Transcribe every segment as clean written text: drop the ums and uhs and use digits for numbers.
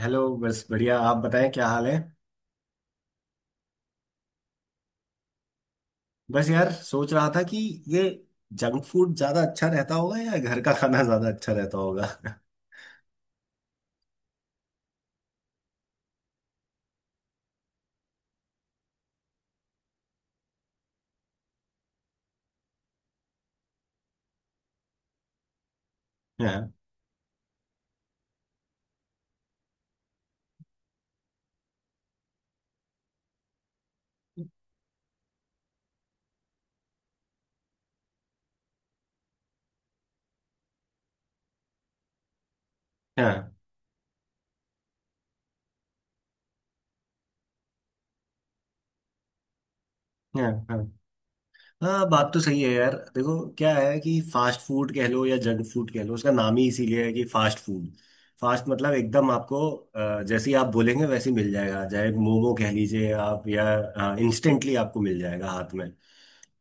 Hello. बस बढ़िया, आप बताएं क्या हाल है। बस यार सोच रहा था कि ये जंक फूड ज्यादा अच्छा रहता होगा या घर का खाना ज्यादा अच्छा रहता होगा। हाँ, हाँ, हाँ, हाँ, हाँ, बात तो सही है यार। देखो क्या है कि फास्ट फूड कह लो या जंक फूड कह लो, उसका नाम ही इसीलिए है कि फास्ट फूड। फास्ट मतलब एकदम आपको जैसे ही आप बोलेंगे वैसे ही मिल जाएगा, चाहे मोमो कह लीजिए आप या हाँ, इंस्टेंटली आपको मिल जाएगा हाथ में।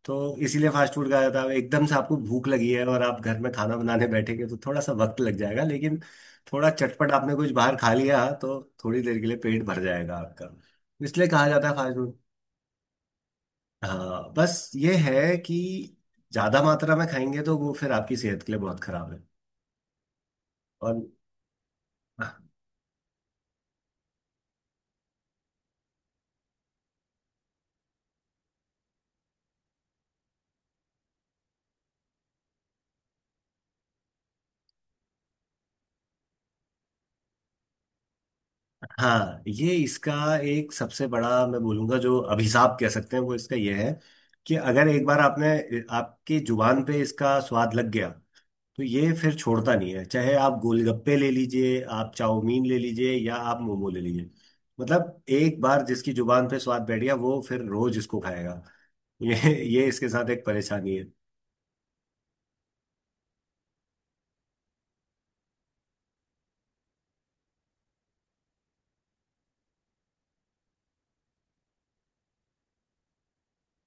तो इसीलिए फास्ट फूड खाया था। एकदम से आपको भूख लगी है और आप घर में खाना बनाने बैठेंगे तो थोड़ा सा वक्त लग जाएगा, लेकिन थोड़ा चटपट आपने कुछ बाहर खा लिया तो थोड़ी देर के लिए पेट भर जाएगा आपका। इसलिए कहा जाता है फास्ट फूड। हाँ, बस ये है कि ज्यादा मात्रा में खाएंगे तो वो फिर आपकी सेहत के लिए बहुत खराब है। और हाँ, ये इसका एक सबसे बड़ा, मैं बोलूंगा, जो अभिशाप कह सकते हैं, वो इसका ये है कि अगर एक बार आपने आपकी जुबान पे इसका स्वाद लग गया तो ये फिर छोड़ता नहीं है। चाहे आप गोलगप्पे ले लीजिए, आप चाउमीन ले लीजिए, या आप मोमो ले लीजिए, मतलब एक बार जिसकी जुबान पे स्वाद बैठ गया वो फिर रोज इसको खाएगा। ये ये इसके साथ एक परेशानी है।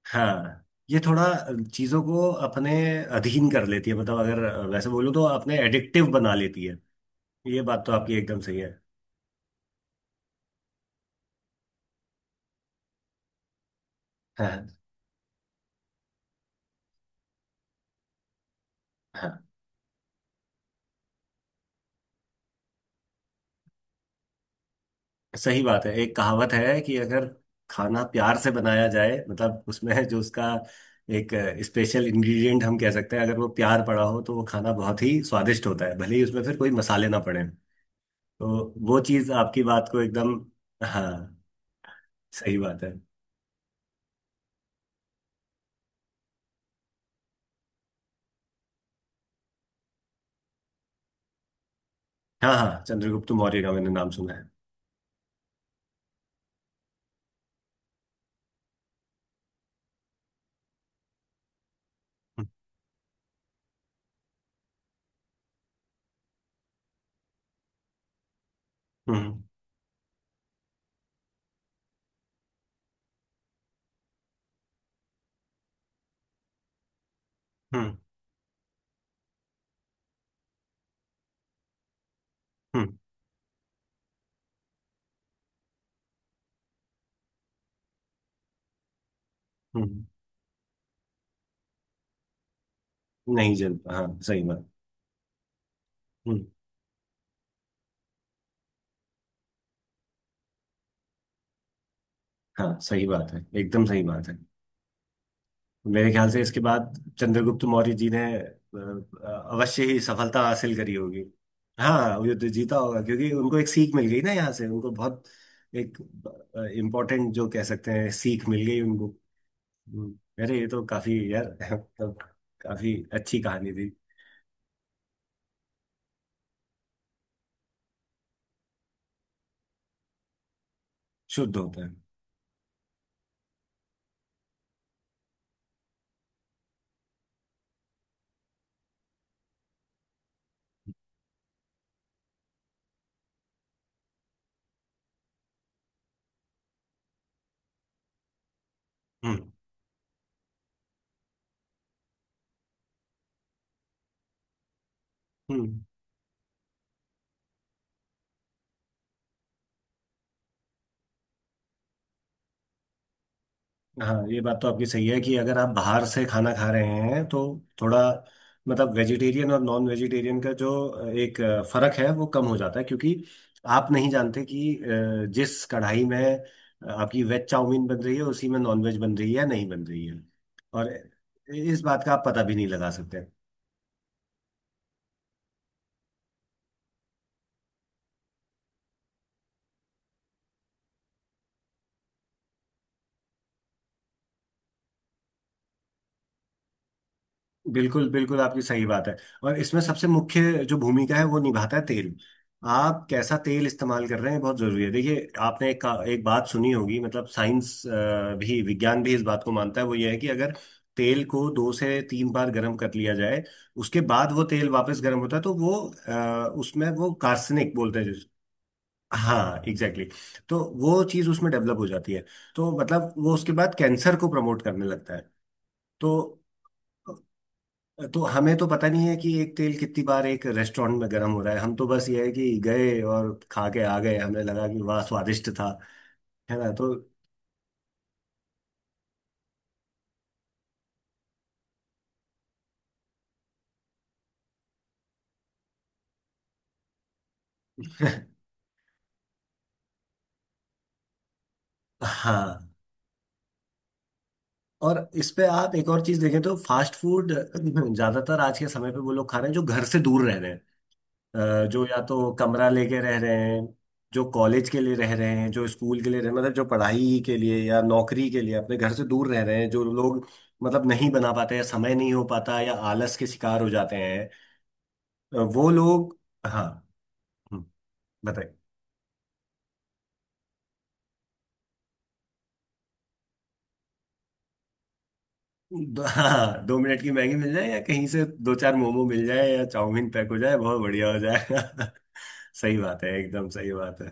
हाँ, ये थोड़ा चीजों को अपने अधीन कर लेती है। मतलब अगर वैसे बोलूँ तो अपने एडिक्टिव बना लेती है। ये बात तो आपकी एकदम सही है। हाँ। हाँ। सही बात है। एक कहावत है कि अगर खाना प्यार से बनाया जाए, मतलब उसमें जो उसका एक स्पेशल इंग्रेडिएंट हम कह सकते हैं, अगर वो प्यार पड़ा हो तो वो खाना बहुत ही स्वादिष्ट होता है, भले ही उसमें फिर कोई मसाले ना पड़े। तो वो चीज़ आपकी बात को एकदम, हाँ, सही बात है। हाँ हाँ, चंद्रगुप्त मौर्य का मैंने नाम सुना है। हम्म। हम्म। हम्म। हम्म। हम्म। नहीं जल, हाँ सही बात। हम्म। हाँ, सही बात है, एकदम सही बात है। मेरे ख्याल से इसके बाद चंद्रगुप्त मौर्य जी ने अवश्य ही सफलता हासिल करी होगी। हाँ, युद्ध जीता होगा, क्योंकि उनको एक सीख मिल गई ना, यहाँ से उनको बहुत एक इम्पोर्टेंट जो कह सकते हैं सीख मिल गई उनको। हम्म। अरे ये तो काफी यार मतलब काफी अच्छी कहानी थी। शुद्ध होता है। हम्म। हम्म। हाँ, ये बात तो आपकी सही है कि अगर आप बाहर से खाना खा रहे हैं तो थोड़ा, मतलब वेजिटेरियन और नॉन वेजिटेरियन का जो एक फर्क है वो कम हो जाता है, क्योंकि आप नहीं जानते कि जिस कढ़ाई में आपकी वेज चाउमीन बन रही है उसी में नॉन वेज बन रही है या नहीं बन रही है। और इस बात का आप पता भी नहीं लगा सकते। बिल्कुल बिल्कुल, आपकी सही बात है। और इसमें सबसे मुख्य जो भूमिका है वो निभाता है तेल। आप कैसा तेल इस्तेमाल कर रहे हैं बहुत जरूरी है। देखिए, आपने एक बात सुनी होगी, मतलब साइंस भी, विज्ञान भी इस बात को मानता है। वो ये है कि अगर तेल को 2 से 3 बार गर्म कर लिया जाए, उसके बाद वो तेल वापस गर्म होता है तो वो उसमें वो कार्सनिक बोलते हैं हाँ एग्जैक्टली exactly। तो वो चीज़ उसमें डेवलप हो जाती है। तो मतलब वो उसके बाद कैंसर को प्रमोट करने लगता है। तो तो हमें तो पता नहीं है कि एक तेल कितनी बार एक रेस्टोरेंट में गर्म हो रहा है। हम तो बस ये है कि गए और खा के आ गए, हमें लगा कि वाह स्वादिष्ट था। है ना। तो हाँ। और इस पे आप एक और चीज देखें तो फास्ट फूड ज्यादातर आज के समय पे वो लोग खा रहे हैं जो घर से दूर रह रहे हैं। जो या तो कमरा लेके रह रहे हैं, जो कॉलेज के लिए रह रहे हैं, जो स्कूल के लिए रह मतलब जो पढ़ाई के लिए या नौकरी के लिए अपने घर से दूर रह रहे हैं, जो लोग मतलब नहीं बना पाते हैं, समय नहीं हो पाता या आलस के शिकार हो जाते हैं, वो लोग, हाँ, हम्म, बताइए। हाँ, 2 मिनट की मैगी मिल जाए या कहीं से दो चार मोमो मिल जाए या चाउमीन पैक हो जाए, बहुत बढ़िया हो जाएगा। सही बात है, एकदम सही बात है।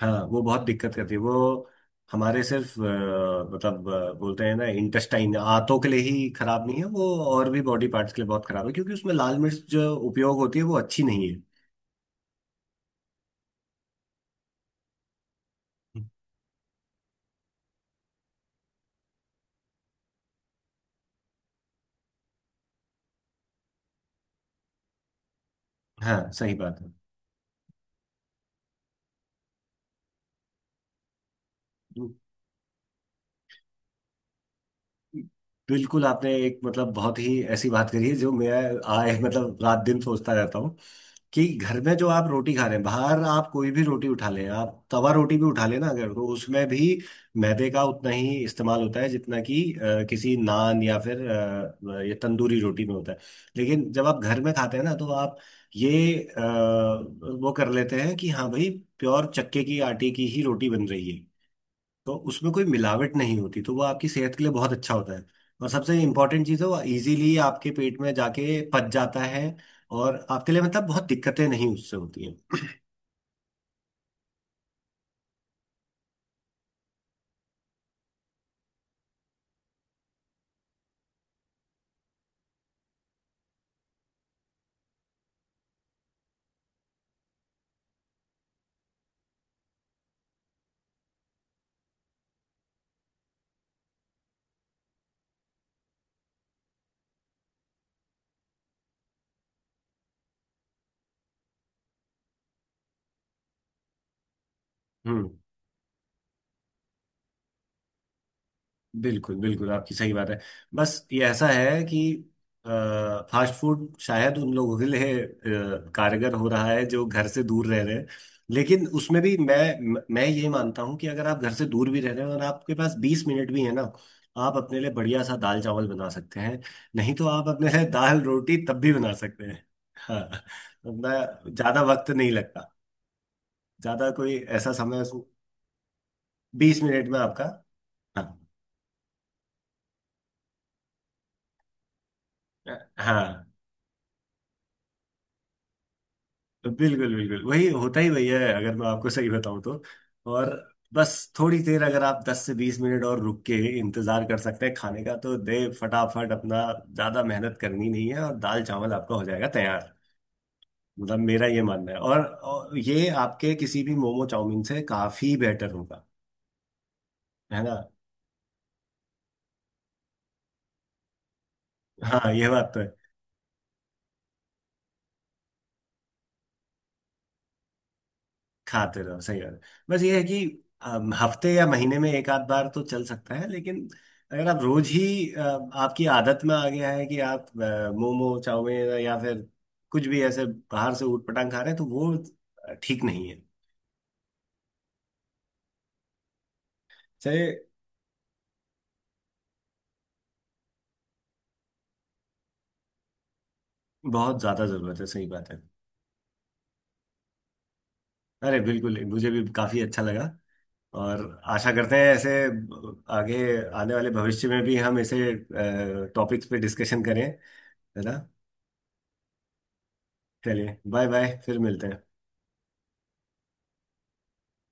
हाँ, वो बहुत दिक्कत करती है वो। हमारे सिर्फ मतलब बोलते हैं ना, इंटेस्टाइन, आंतों के लिए ही खराब नहीं है वो, और भी बॉडी पार्ट्स के लिए बहुत खराब है, क्योंकि उसमें लाल मिर्च जो उपयोग होती है वो अच्छी नहीं है। हाँ सही बात है। बिल्कुल, आपने एक मतलब बहुत ही ऐसी बात करी है जो मैं आए मतलब रात दिन सोचता रहता हूँ कि घर में जो आप रोटी खा रहे हैं, बाहर आप कोई भी रोटी उठा लें, आप तवा रोटी भी उठा लें ना अगर, तो उसमें भी मैदे का उतना ही इस्तेमाल होता है जितना कि किसी नान या फिर ये तंदूरी रोटी में होता है। लेकिन जब आप घर में खाते हैं ना तो आप ये वो कर लेते हैं कि हाँ भाई, प्योर चक्के की आटे की ही रोटी बन रही है, तो उसमें कोई मिलावट नहीं होती, तो वो आपकी सेहत के लिए बहुत अच्छा होता है। और सबसे इम्पोर्टेंट चीज़ है वो इजीली आपके पेट में जाके पच जाता है। और आपके लिए मतलब बहुत दिक्कतें नहीं उससे होती हैं। हम्म, बिल्कुल बिल्कुल, आपकी सही बात है। बस ये ऐसा है कि फास्ट फूड शायद उन लोगों के लिए कारगर हो रहा है जो घर से दूर रह रहे हैं, लेकिन उसमें भी मैं ये मानता हूँ कि अगर आप घर से दूर भी रह रहे हैं और आपके पास 20 मिनट भी है ना, आप अपने लिए बढ़िया सा दाल चावल बना सकते हैं, नहीं तो आप अपने लिए दाल रोटी तब भी बना सकते हैं। हाँ अपना, ज्यादा वक्त नहीं लगता, ज्यादा कोई ऐसा समय, 20 मिनट में आपका, हाँ हाँ बिल्कुल बिल्कुल, वही होता ही वही है अगर मैं आपको सही बताऊं तो। और बस थोड़ी देर अगर आप 10 से 20 मिनट और रुक के इंतजार कर सकते हैं खाने का तो दे फटाफट अपना, ज्यादा मेहनत करनी नहीं है और दाल चावल आपका हो जाएगा तैयार। मतलब मेरा ये मानना है, और ये आपके किसी भी मोमो चाउमीन से काफी बेटर होगा। है ना। हाँ ये बात तो है। खाते रहो, सही बात है। बस ये है कि हफ्ते या महीने में एक आध बार तो चल सकता है, लेकिन अगर आप रोज ही आपकी आदत में आ गया है कि आप मोमो चाउमीन या फिर कुछ भी ऐसे बाहर से ऊट पटांग खा रहे हैं, तो वो ठीक नहीं है। सही, बहुत ज्यादा जरूरत है, सही बात है। अरे बिल्कुल, मुझे भी काफी अच्छा लगा। और आशा करते हैं ऐसे आगे आने वाले भविष्य में भी हम ऐसे टॉपिक्स पे डिस्कशन करें। है ना। चलिए बाय बाय, फिर मिलते हैं।